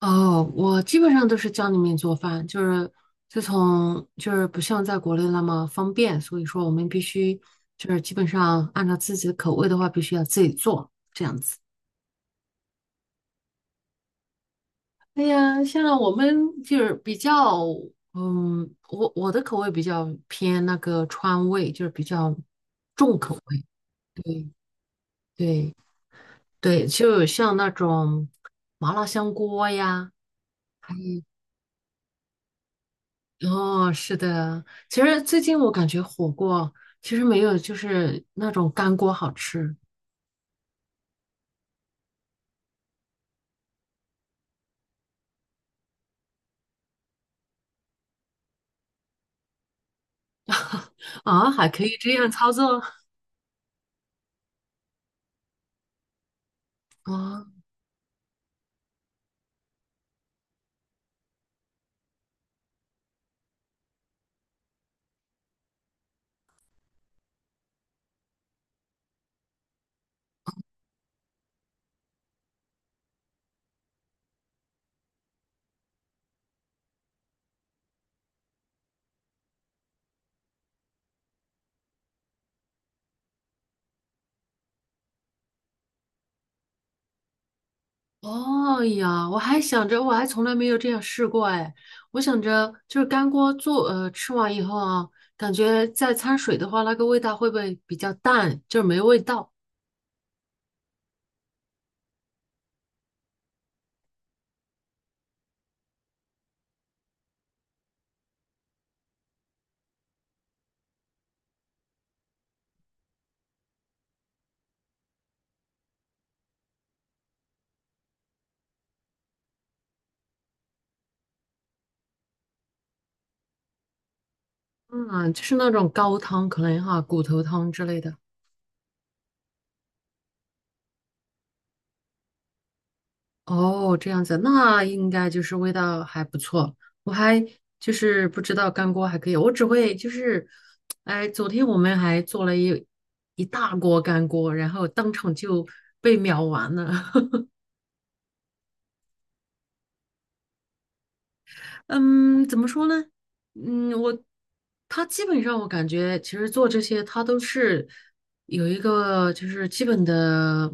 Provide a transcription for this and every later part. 哦，我基本上都是家里面做饭，就是自从就是不像在国内那么方便，所以说我们必须就是基本上按照自己的口味的话，必须要自己做这样子。哎呀，像我们就是比较，我的口味比较偏那个川味，就是比较重口。对对对，就像那种麻辣香锅呀。哦，是的，其实最近我感觉火锅其实没有就是那种干锅好吃啊，还可以这样操作 啊！哦哎呀，我还想着我还从来没有这样试过哎，我想着就是干锅做吃完以后啊，感觉再掺水的话，那个味道会不会比较淡，就是没味道？嗯，就是那种高汤可能哈，骨头汤之类的。哦，这样子，那应该就是味道还不错。我还就是不知道干锅还可以，我只会就是，哎，昨天我们还做了一大锅干锅，然后当场就被秒完了。嗯，怎么说呢？嗯，我他基本上我感觉，其实做这些他都是有一个就是基本的，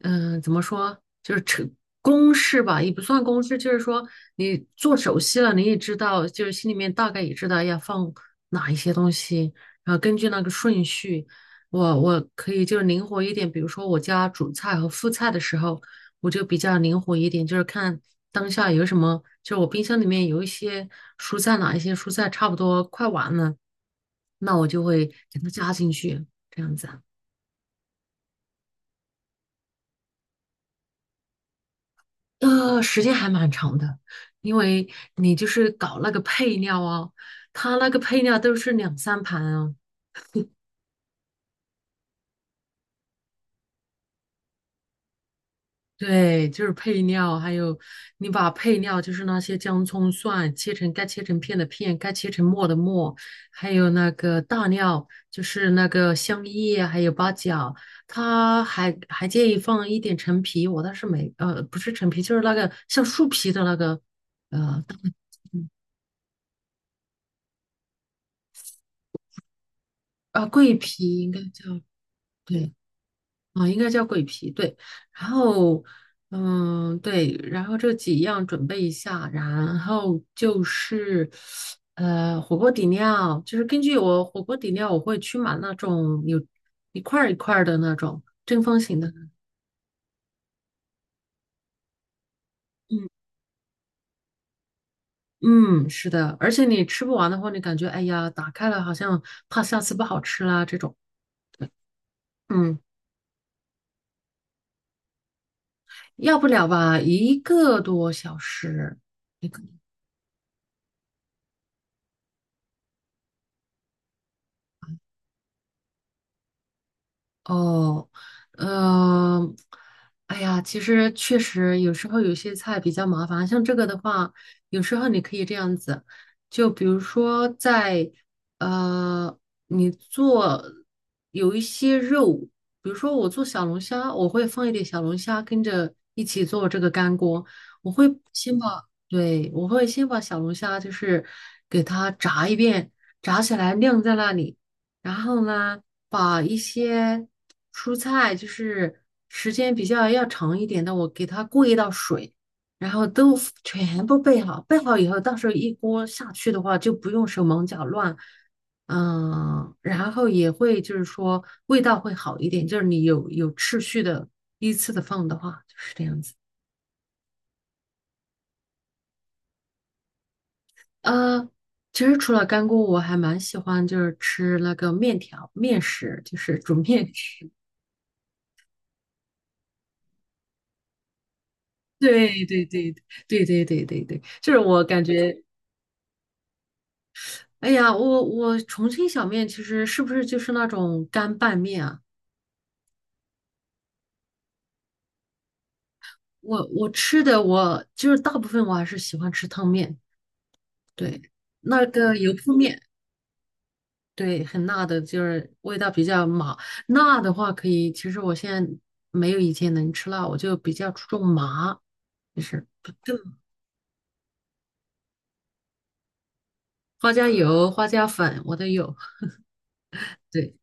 嗯、怎么说，就是成公式吧，也不算公式，就是说你做熟悉了，你也知道，就是心里面大概也知道要放哪一些东西，然后根据那个顺序，我可以就是灵活一点，比如说我家主菜和副菜的时候。我就比较灵活一点，就是看当下有什么，就是我冰箱里面有一些蔬菜，哪一些蔬菜差不多快完了，那我就会给它加进去，这样子啊。时间还蛮长的，因为你就是搞那个配料啊，它那个配料都是两三盘啊，对，就是配料，还有你把配料，就是那些姜、葱、蒜切成该切成片的片，该切成末的末，还有那个大料，就是那个香叶，还有八角。他还建议放一点陈皮，我倒是没，不是陈皮，就是那个像树皮的那个，呃，大嗯桂皮应该叫，对，啊，应该叫鬼皮，对。然后，嗯，对，然后这几样准备一下，然后就是，火锅底料，就是根据我火锅底料，我会去买那种有一块儿一块儿的那种正方形的。嗯嗯，是的，而且你吃不完的话，你感觉哎呀，打开了好像怕下次不好吃啦这种。嗯，要不了吧，一个多小时。哦，嗯、哎呀，其实确实有时候有些菜比较麻烦，像这个的话，有时候你可以这样子，就比如说呃，你做有一些肉，比如说我做小龙虾，我会放一点小龙虾跟着一起做这个干锅，我会先把，对，我会先把小龙虾就是给它炸一遍，炸起来晾在那里。然后呢，把一些蔬菜，就是时间比较要长一点的，我给它过一道水，然后都 全部备好。备好以后，到时候一锅下去的话，就不用手忙脚乱。嗯，然后也会就是说味道会好一点，就是你有秩序的依次的放的话，就是这样子。呃，其实除了干锅，我还蛮喜欢就是吃那个面条、面食，就是煮面食。对对对对对对对对，就是我感觉，哎呀，我重庆小面其实是不是就是那种干拌面啊？我吃的就是大部分我还是喜欢吃汤面，对，那个油泼面，对，很辣的，就是味道比较麻。辣的话可以，其实我现在没有以前能吃辣，我就比较注重麻，就是花椒油、花椒粉我都有，对。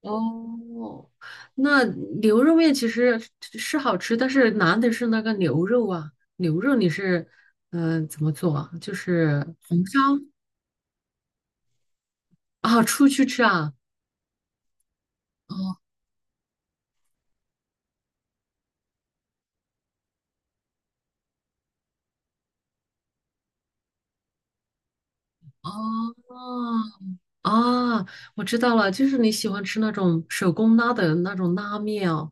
哦，那牛肉面其实是好吃，但是难的是那个牛肉啊。牛肉你是怎么做啊？就是红烧啊，出去吃啊？哦哦啊，我知道了，就是你喜欢吃那种手工拉的那种拉面哦。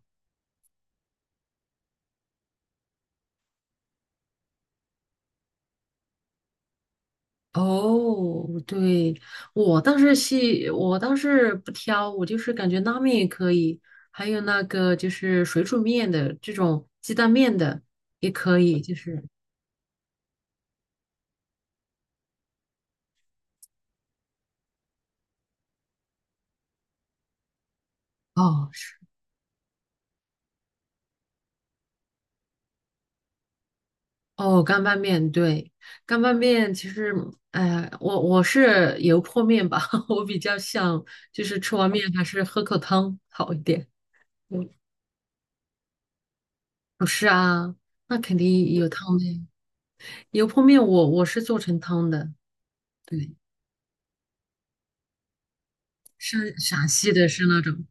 哦，对，我倒是细，我倒是不挑，我就是感觉拉面也可以，还有那个就是水煮面的这种鸡蛋面的也可以，就是哦是哦干拌面，对，干拌面其实，哎、我我是油泼面吧，我比较想就是吃完面还是喝口汤好一点。嗯，不是啊，那肯定有汤的呀油泼面我是做成汤的，对。是陕西的，是那种，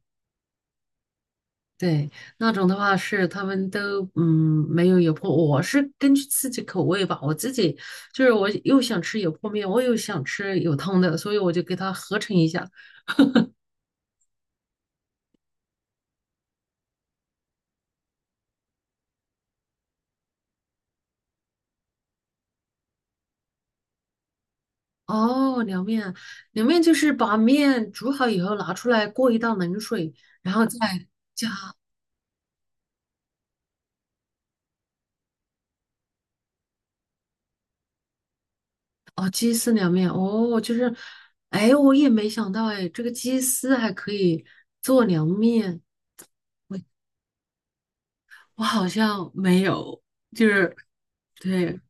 对，那种的话是他们都嗯没有油泼，我是根据自己口味吧，我自己就是我又想吃油泼面，我又想吃有汤的，所以我就给它合成一下。哦，凉面，凉面就是把面煮好以后拿出来过一道冷水，然后再加哦鸡丝凉面，哦就是，哎我也没想到哎，这个鸡丝还可以做凉面，我我好像没有，就是。对，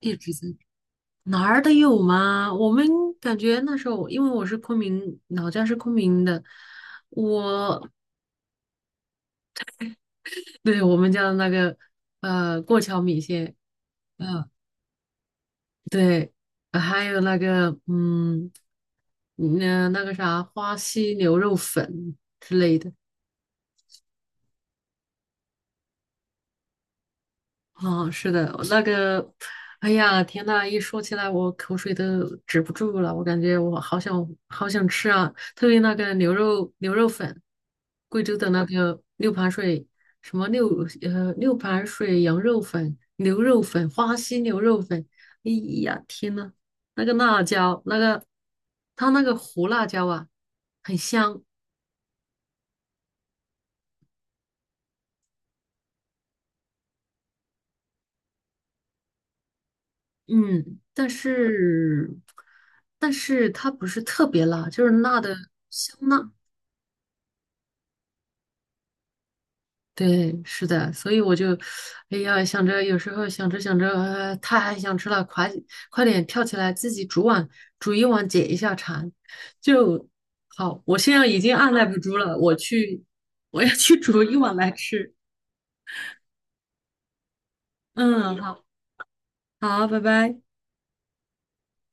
一直在哪儿的有吗？我们感觉那时候，因为我是昆明，老家是昆明的，我对我们家的那个过桥米线，嗯、对，还有那个嗯，那那个啥花溪牛肉粉之类的。哦，是的，那个，哎呀，天呐，一说起来我口水都止不住了，我感觉我好想好想吃啊，特别那个牛肉牛肉粉，贵州的那个六盘水什么六盘水羊肉粉、牛肉粉、花溪牛肉粉，哎呀，天呐，那个辣椒，那个它那个胡辣椒啊，很香，嗯，但是它不是特别辣，就是辣的香辣。对，是的，所以我就，哎呀，想着有时候想着想着，太想吃了，快点跳起来自己煮碗煮一碗解一下馋，就好。我现在已经按耐不住了，我去，我要去 煮一碗来吃。嗯，好，好，拜拜。